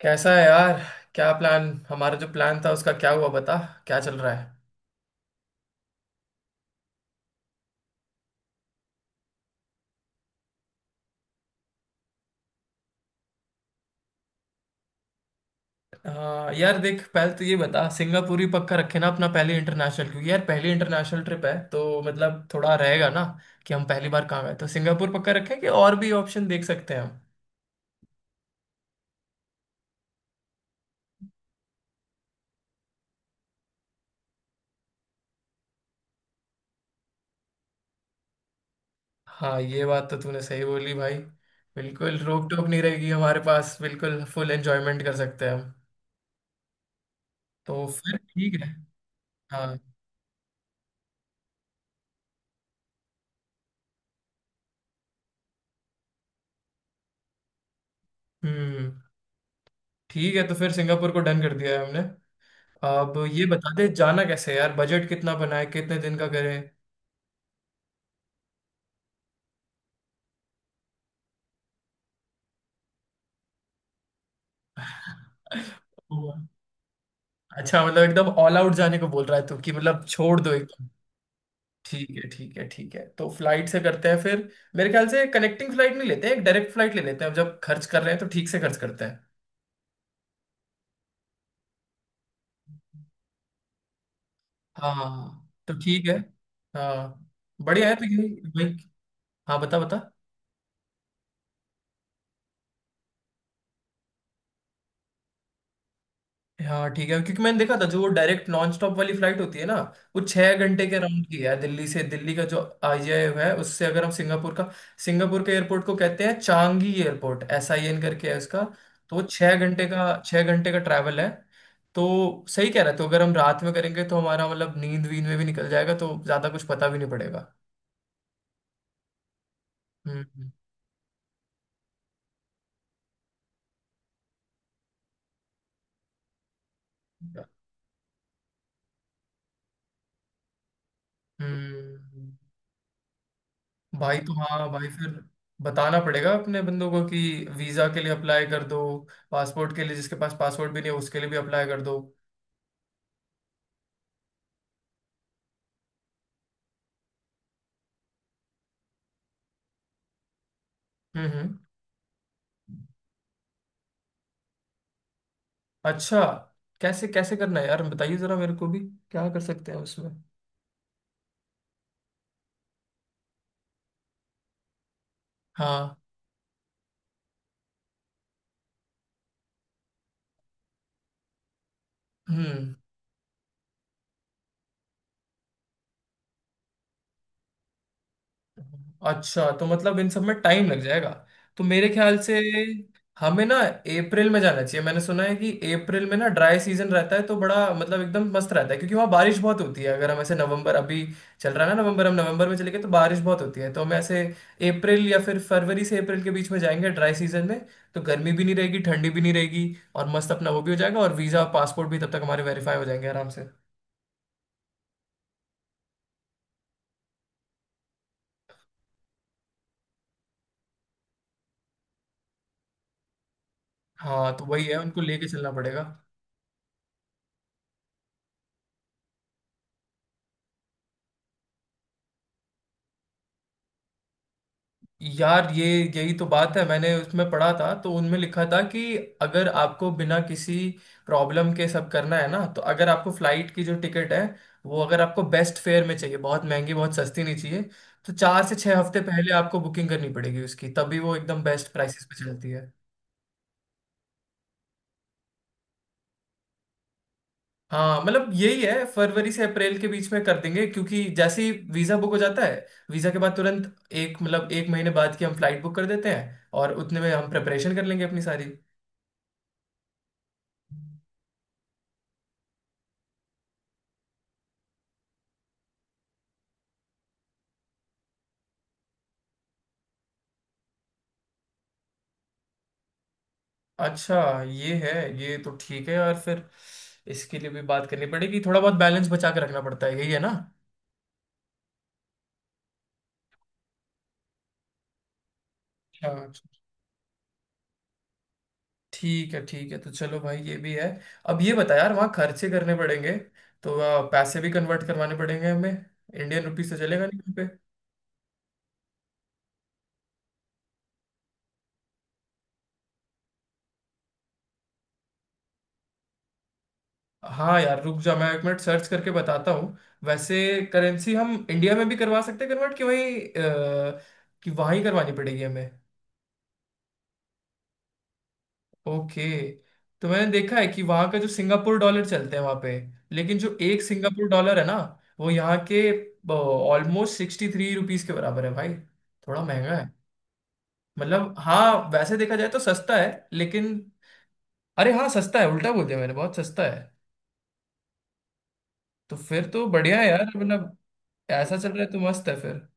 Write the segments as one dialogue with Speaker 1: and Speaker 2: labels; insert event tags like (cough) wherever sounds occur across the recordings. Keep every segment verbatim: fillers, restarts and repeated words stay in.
Speaker 1: कैसा है यार। क्या प्लान हमारा जो प्लान था उसका क्या हुआ बता। क्या चल रहा है। हाँ यार देख पहले तो ये बता, सिंगापुर ही पक्का रखे ना अपना पहले इंटरनेशनल, क्योंकि यार पहली इंटरनेशनल ट्रिप है तो मतलब थोड़ा रहेगा ना कि हम पहली बार कहाँ गए, तो सिंगापुर पक्का रखें कि और भी ऑप्शन देख सकते हैं हम। हाँ ये बात तो तूने सही बोली भाई। बिल्कुल रोक टोक नहीं रहेगी हमारे पास, बिल्कुल फुल एंजॉयमेंट कर सकते हैं हम। तो फिर ठीक है। हाँ। हम्म। ठीक है तो फिर सिंगापुर को डन कर दिया है हमने। अब ये बता दे जाना कैसे है यार, बजट कितना बनाए, कितने दिन का करें। (laughs) अच्छा मतलब एकदम ऑल आउट जाने को बोल रहा है तू, कि मतलब छोड़ दो एकदम। ठीक है ठीक है ठीक है, तो फ्लाइट से करते हैं फिर। मेरे ख्याल से कनेक्टिंग फ्लाइट नहीं लेते हैं, एक डायरेक्ट फ्लाइट ले लेते हैं, अब जब खर्च कर रहे हैं तो ठीक से खर्च करते हैं। हाँ तो ठीक है। हाँ। बढ़िया है तो यही। वही। हाँ बता बता। हाँ ठीक है, क्योंकि मैंने देखा था जो वो डायरेक्ट नॉन स्टॉप वाली फ्लाइट होती है ना, वो छह घंटे के अराउंड की है दिल्ली से, दिल्ली का जो आई जी आई है उससे अगर हम सिंगापुर का, सिंगापुर के एयरपोर्ट को कहते हैं Changi airport, S I N करके है उसका। तो वो छह घंटे का छह घंटे का ट्रैवल है। तो सही कह रहे, तो अगर हम रात में करेंगे तो हमारा मतलब नींद वींद में भी निकल जाएगा, तो ज्यादा कुछ पता भी नहीं पड़ेगा। हम्म। हम्म। हम्म। भाई तो हाँ भाई फिर बताना पड़ेगा अपने बंदों को कि वीजा के लिए अप्लाई कर दो, पासपोर्ट के लिए जिसके पास पासपोर्ट भी नहीं है उसके लिए भी अप्लाई कर दो। हम्म हम्म। अच्छा, कैसे कैसे करना है यार, बताइए जरा मेरे को भी क्या कर सकते हैं उसमें। हाँ। हम्म। अच्छा तो मतलब इन सब में टाइम लग जाएगा। तो मेरे ख्याल से हमें ना अप्रैल में जाना चाहिए, मैंने सुना है कि अप्रैल में ना ड्राई सीजन रहता है तो बड़ा मतलब एकदम मस्त रहता है, क्योंकि वहाँ बारिश बहुत होती है, अगर हम ऐसे नवंबर अभी चल रहा है ना नवंबर, हम नवंबर में चले गए तो बारिश बहुत होती है, तो हम ऐसे अप्रैल या फिर फरवरी से अप्रैल के बीच में जाएंगे ड्राई सीजन में। तो गर्मी भी नहीं रहेगी ठंडी भी नहीं रहेगी और मस्त अपना वो भी हो जाएगा, और वीज़ा और पासपोर्ट भी तब तक हमारे वेरीफाई हो जाएंगे आराम से। हाँ तो वही है, उनको लेके चलना पड़ेगा। यार ये, यही तो बात है, मैंने उसमें पढ़ा था तो उनमें लिखा था कि अगर आपको बिना किसी प्रॉब्लम के सब करना है ना, तो अगर आपको फ्लाइट की जो टिकट है वो अगर आपको बेस्ट फेयर में चाहिए, बहुत महंगी बहुत सस्ती नहीं चाहिए, तो चार से छह हफ्ते पहले आपको बुकिंग करनी पड़ेगी उसकी, तभी वो एकदम बेस्ट प्राइसेस पे चलती है। हाँ मतलब यही है, फरवरी से अप्रैल के बीच में कर देंगे, क्योंकि जैसे ही वीज़ा बुक हो जाता है, वीज़ा के बाद तुरंत एक मतलब एक महीने बाद की हम फ्लाइट बुक कर देते हैं और उतने में हम प्रेपरेशन कर लेंगे अपनी सारी। अच्छा। ये है, ये तो ठीक है यार फिर, इसके लिए भी बात करनी पड़ेगी, थोड़ा बहुत बैलेंस बचा के रखना पड़ता है, यही है ना। अच्छा अच्छा। ठीक है ठीक है, तो चलो भाई ये भी है। अब ये बता यार वहाँ खर्चे करने पड़ेंगे, तो अ, पैसे भी कन्वर्ट करवाने पड़ेंगे हमें, इंडियन रुपीस से चलेगा नहीं वहाँ पे। हाँ यार रुक जा मैं एक मिनट सर्च करके बताता हूँ। वैसे करेंसी हम इंडिया में भी करवा सकते हैं कन्वर्ट, कि वहीं अ, कि वहाँ ही करवानी पड़ेगी हमें। ओके। तो मैंने देखा है कि वहां का जो सिंगापुर डॉलर चलते हैं वहां पे, लेकिन जो एक सिंगापुर डॉलर है ना वो यहाँ के ऑलमोस्ट सिक्सटी थ्री रुपीज के बराबर है भाई, थोड़ा महंगा है, मतलब हाँ वैसे देखा जाए तो सस्ता है लेकिन, अरे हाँ सस्ता है, उल्टा बोल दिया मैंने, बहुत सस्ता है। तो फिर तो बढ़िया है यार, मतलब ऐसा चल रहा है तो मस्त है फिर।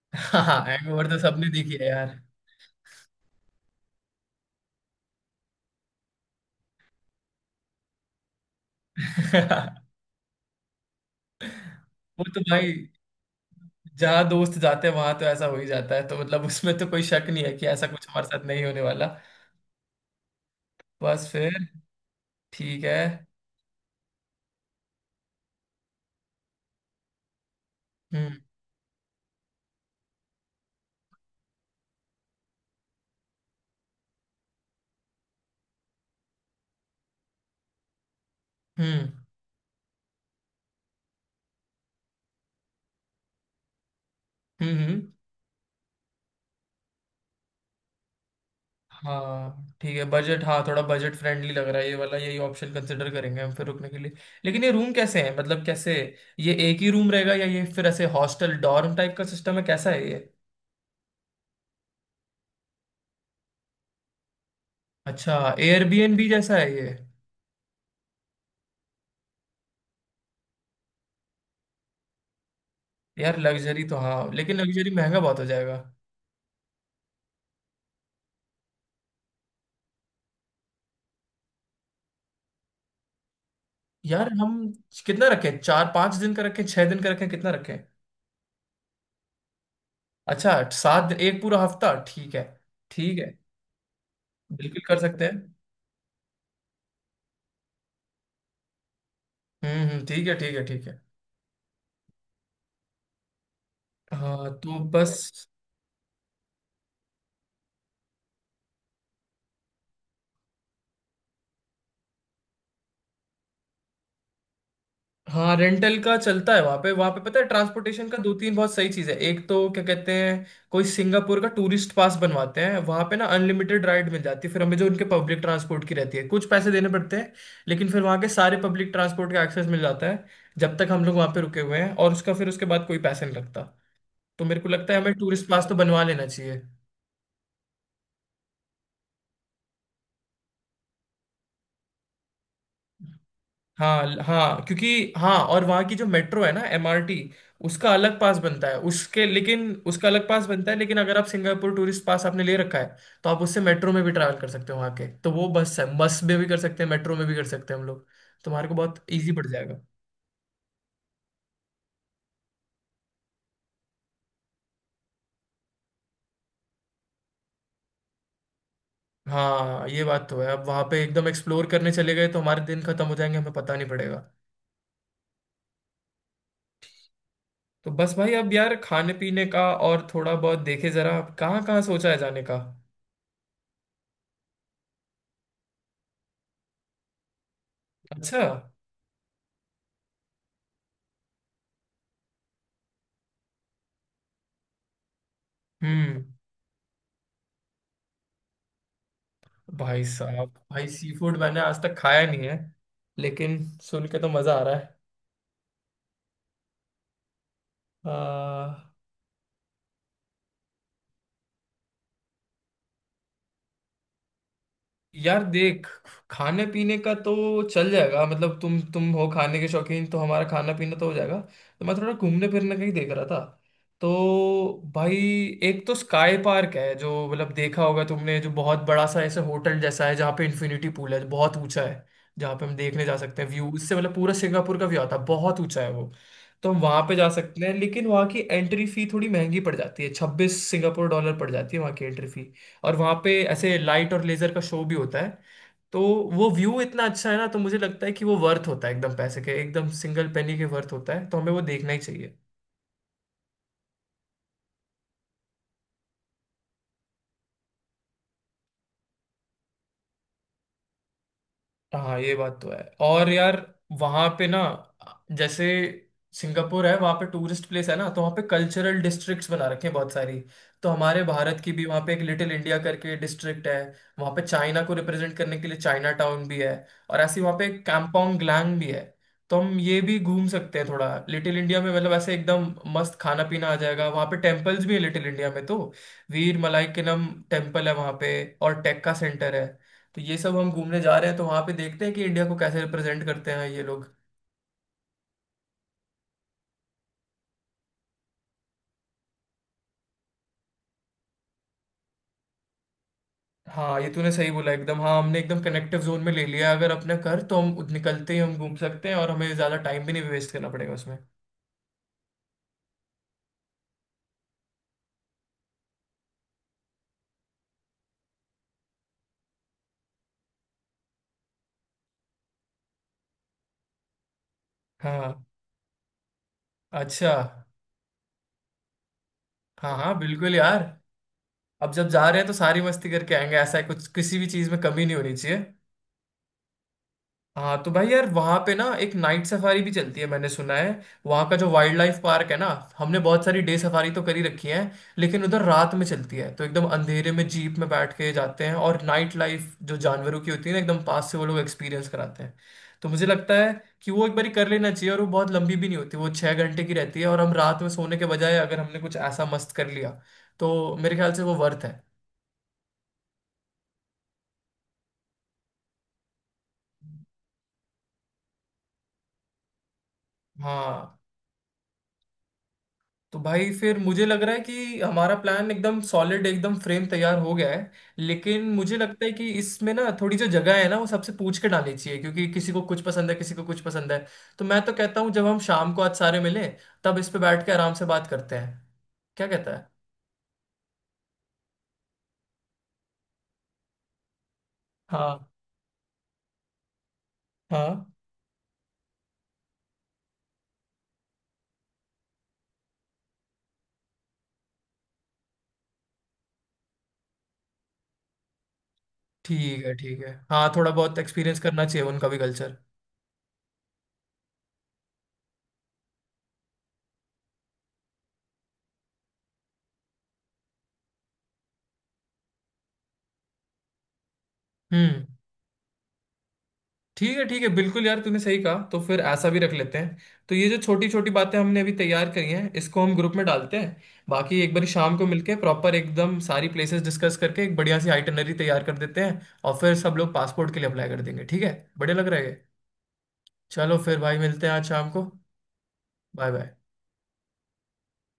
Speaker 1: (laughs) हाँ हैंगओवर तो सबने देखी है यार। (laughs) वो तो भाई, जहाँ दोस्त जाते हैं वहां तो ऐसा हो ही जाता है, तो मतलब उसमें तो कोई शक नहीं है कि ऐसा कुछ हमारे साथ नहीं होने वाला। बस फिर। ठीक है। हम्म हम्म। हम्म हम्म, हाँ ठीक है बजट, हाँ थोड़ा बजट फ्रेंडली लग रहा है ये वाला, यही ऑप्शन कंसिडर करेंगे हम फिर रुकने के लिए। लेकिन ये रूम कैसे हैं, मतलब कैसे, ये एक ही रूम रहेगा या ये फिर ऐसे हॉस्टल डॉर्म टाइप का सिस्टम है, कैसा है ये। अच्छा एयरबीएनबी जैसा है ये। यार लग्जरी तो हाँ लेकिन लग्जरी महंगा बहुत हो जाएगा। यार हम कितना रखें, चार पांच दिन का रखें, छह दिन का रखें, कितना रखें। अच्छा सात दिन, एक पूरा हफ्ता, ठीक है। ठीक है। बिल्कुल कर सकते हैं। हम्म हम्म, ठीक है ठीक है ठीक है। हाँ तो बस। हाँ रेंटल का चलता है वहाँ पे, वहाँ पे पता है ट्रांसपोर्टेशन का दो तीन बहुत सही चीज़ है, एक तो क्या कहते हैं, कोई सिंगापुर का टूरिस्ट पास बनवाते हैं वहाँ पे ना, अनलिमिटेड राइड मिल जाती है फिर हमें जो उनके पब्लिक ट्रांसपोर्ट की रहती है, कुछ पैसे देने पड़ते हैं लेकिन फिर वहाँ के सारे पब्लिक ट्रांसपोर्ट का एक्सेस मिल जाता है जब तक हम लोग वहाँ पे रुके हुए हैं, और उसका फिर उसके बाद कोई पैसा नहीं लगता। तो मेरे को लगता है हमें टूरिस्ट पास तो बनवा लेना चाहिए। हाँ हाँ, क्योंकि हाँ और वहाँ की जो मेट्रो है ना एम आर टी, उसका अलग पास बनता है उसके, लेकिन उसका अलग पास बनता है, लेकिन अगर आप सिंगापुर टूरिस्ट पास आपने ले रखा है तो आप उससे मेट्रो में भी ट्रैवल कर सकते हो, वहाँ के तो वो बस है, बस में भी कर सकते हैं मेट्रो में भी कर सकते हैं हम लोग, तुम्हारे को बहुत ईजी पड़ जाएगा। हाँ ये बात तो है, अब वहाँ पे एकदम एक्सप्लोर करने चले गए तो हमारे दिन खत्म हो जाएंगे, हमें पता नहीं पड़ेगा। तो बस भाई, अब यार खाने पीने का और थोड़ा बहुत देखे जरा कहाँ कहाँ सोचा है जाने का। अच्छा। हम्म। भाई साहब, भाई सी फूड मैंने आज तक खाया नहीं है, लेकिन सुन के तो मजा आ रहा है। यार देख खाने पीने का तो चल जाएगा, मतलब तुम तुम हो खाने के शौकीन तो हमारा खाना पीना तो हो जाएगा, तो मैं थोड़ा घूमने फिरने का ही देख रहा था। तो भाई, एक तो स्काई पार्क है जो मतलब देखा होगा तुमने, जो बहुत बड़ा सा ऐसे होटल जैसा है, जहाँ पे इन्फिनिटी पूल है जो बहुत ऊंचा है, जहाँ पे हम देखने जा सकते हैं व्यू, उससे मतलब पूरा सिंगापुर का व्यू आता है, बहुत ऊंचा है वो। तो हम वहाँ पे जा सकते हैं, लेकिन वहाँ की एंट्री फी थोड़ी महंगी पड़ जाती है, छब्बीस सिंगापुर डॉलर पड़ जाती है वहाँ की एंट्री फी, और वहाँ पे ऐसे लाइट और लेजर का शो भी होता है। तो वो व्यू इतना अच्छा है ना, तो मुझे लगता है कि वो वर्थ होता है, एकदम पैसे के एकदम सिंगल पेनी के वर्थ होता है, तो हमें वो देखना ही चाहिए। हाँ ये बात तो है। और यार वहां पे ना, जैसे सिंगापुर है वहां पे टूरिस्ट प्लेस है ना, तो वहां पे कल्चरल डिस्ट्रिक्ट्स बना रखे हैं बहुत सारी, तो हमारे भारत की भी वहां पे एक लिटिल इंडिया करके डिस्ट्रिक्ट है, वहां पे चाइना को रिप्रेजेंट करने के लिए चाइना टाउन भी है, और ऐसे वहां पे कांगपोंग ग्लैंग भी है। तो हम ये भी घूम सकते हैं, थोड़ा लिटिल इंडिया में मतलब ऐसे एकदम मस्त खाना पीना आ जाएगा, वहां पे टेम्पल्स भी है लिटिल इंडिया में, तो वीर मलाई के नाम टेम्पल है वहां पे, और टेक्का सेंटर है। तो ये सब हम घूमने जा रहे हैं तो वहाँ पे देखते हैं कि इंडिया को कैसे रिप्रेजेंट करते हैं ये लोग। हाँ ये तूने सही बोला एकदम, हाँ हमने एकदम कनेक्टिव जोन में ले लिया है, अगर अपने कर तो हम उत- निकलते ही हम घूम सकते हैं और हमें ज़्यादा टाइम भी नहीं वेस्ट करना पड़ेगा उसमें। हाँ। अच्छा। हाँ हाँ बिल्कुल यार, अब जब जा रहे हैं तो सारी मस्ती करके आएंगे, ऐसा है कुछ किसी भी चीज़ में कमी नहीं होनी चाहिए। हाँ तो भाई यार वहां पे ना एक नाइट सफारी भी चलती है मैंने सुना है, वहां का जो वाइल्ड लाइफ पार्क है ना, हमने बहुत सारी डे सफारी तो करी रखी है, लेकिन उधर रात में चलती है, तो एकदम अंधेरे में जीप में बैठ के जाते हैं और नाइट लाइफ जो जानवरों की होती है ना एकदम पास से वो लोग एक्सपीरियंस कराते हैं। तो मुझे लगता है कि वो एक बार कर लेना चाहिए, और वो बहुत लंबी भी नहीं होती, वो छह घंटे की रहती है, और हम रात में सोने के बजाय अगर हमने कुछ ऐसा मस्त कर लिया तो मेरे ख्याल से वो वर्थ है। हाँ तो भाई फिर मुझे लग रहा है कि हमारा प्लान एकदम सॉलिड एकदम फ्रेम तैयार हो गया है, लेकिन मुझे लगता है कि इसमें ना थोड़ी जो जगह है ना वो सबसे पूछ के डालनी चाहिए, क्योंकि किसी को कुछ पसंद है किसी को कुछ पसंद है। तो मैं तो कहता हूँ जब हम शाम को आज सारे मिलें तब इस पे बैठ के आराम से बात करते हैं, क्या कहता है। हाँ हाँ ठीक है ठीक है, हाँ थोड़ा बहुत एक्सपीरियंस करना चाहिए उनका भी कल्चर। हम्म। ठीक है ठीक है, बिल्कुल यार तूने सही कहा, तो फिर ऐसा भी रख लेते हैं, तो ये जो छोटी छोटी बातें हमने अभी तैयार करी हैं इसको हम ग्रुप में डालते हैं, बाकी एक बार शाम को मिलके प्रॉपर एकदम सारी प्लेसेस डिस्कस करके एक बढ़िया सी आइटनरी तैयार कर देते हैं, और फिर सब लोग पासपोर्ट के लिए अप्लाई कर देंगे, ठीक है। बढ़िया लग रहा है ये। चलो फिर भाई मिलते हैं आज शाम को। Bye bye.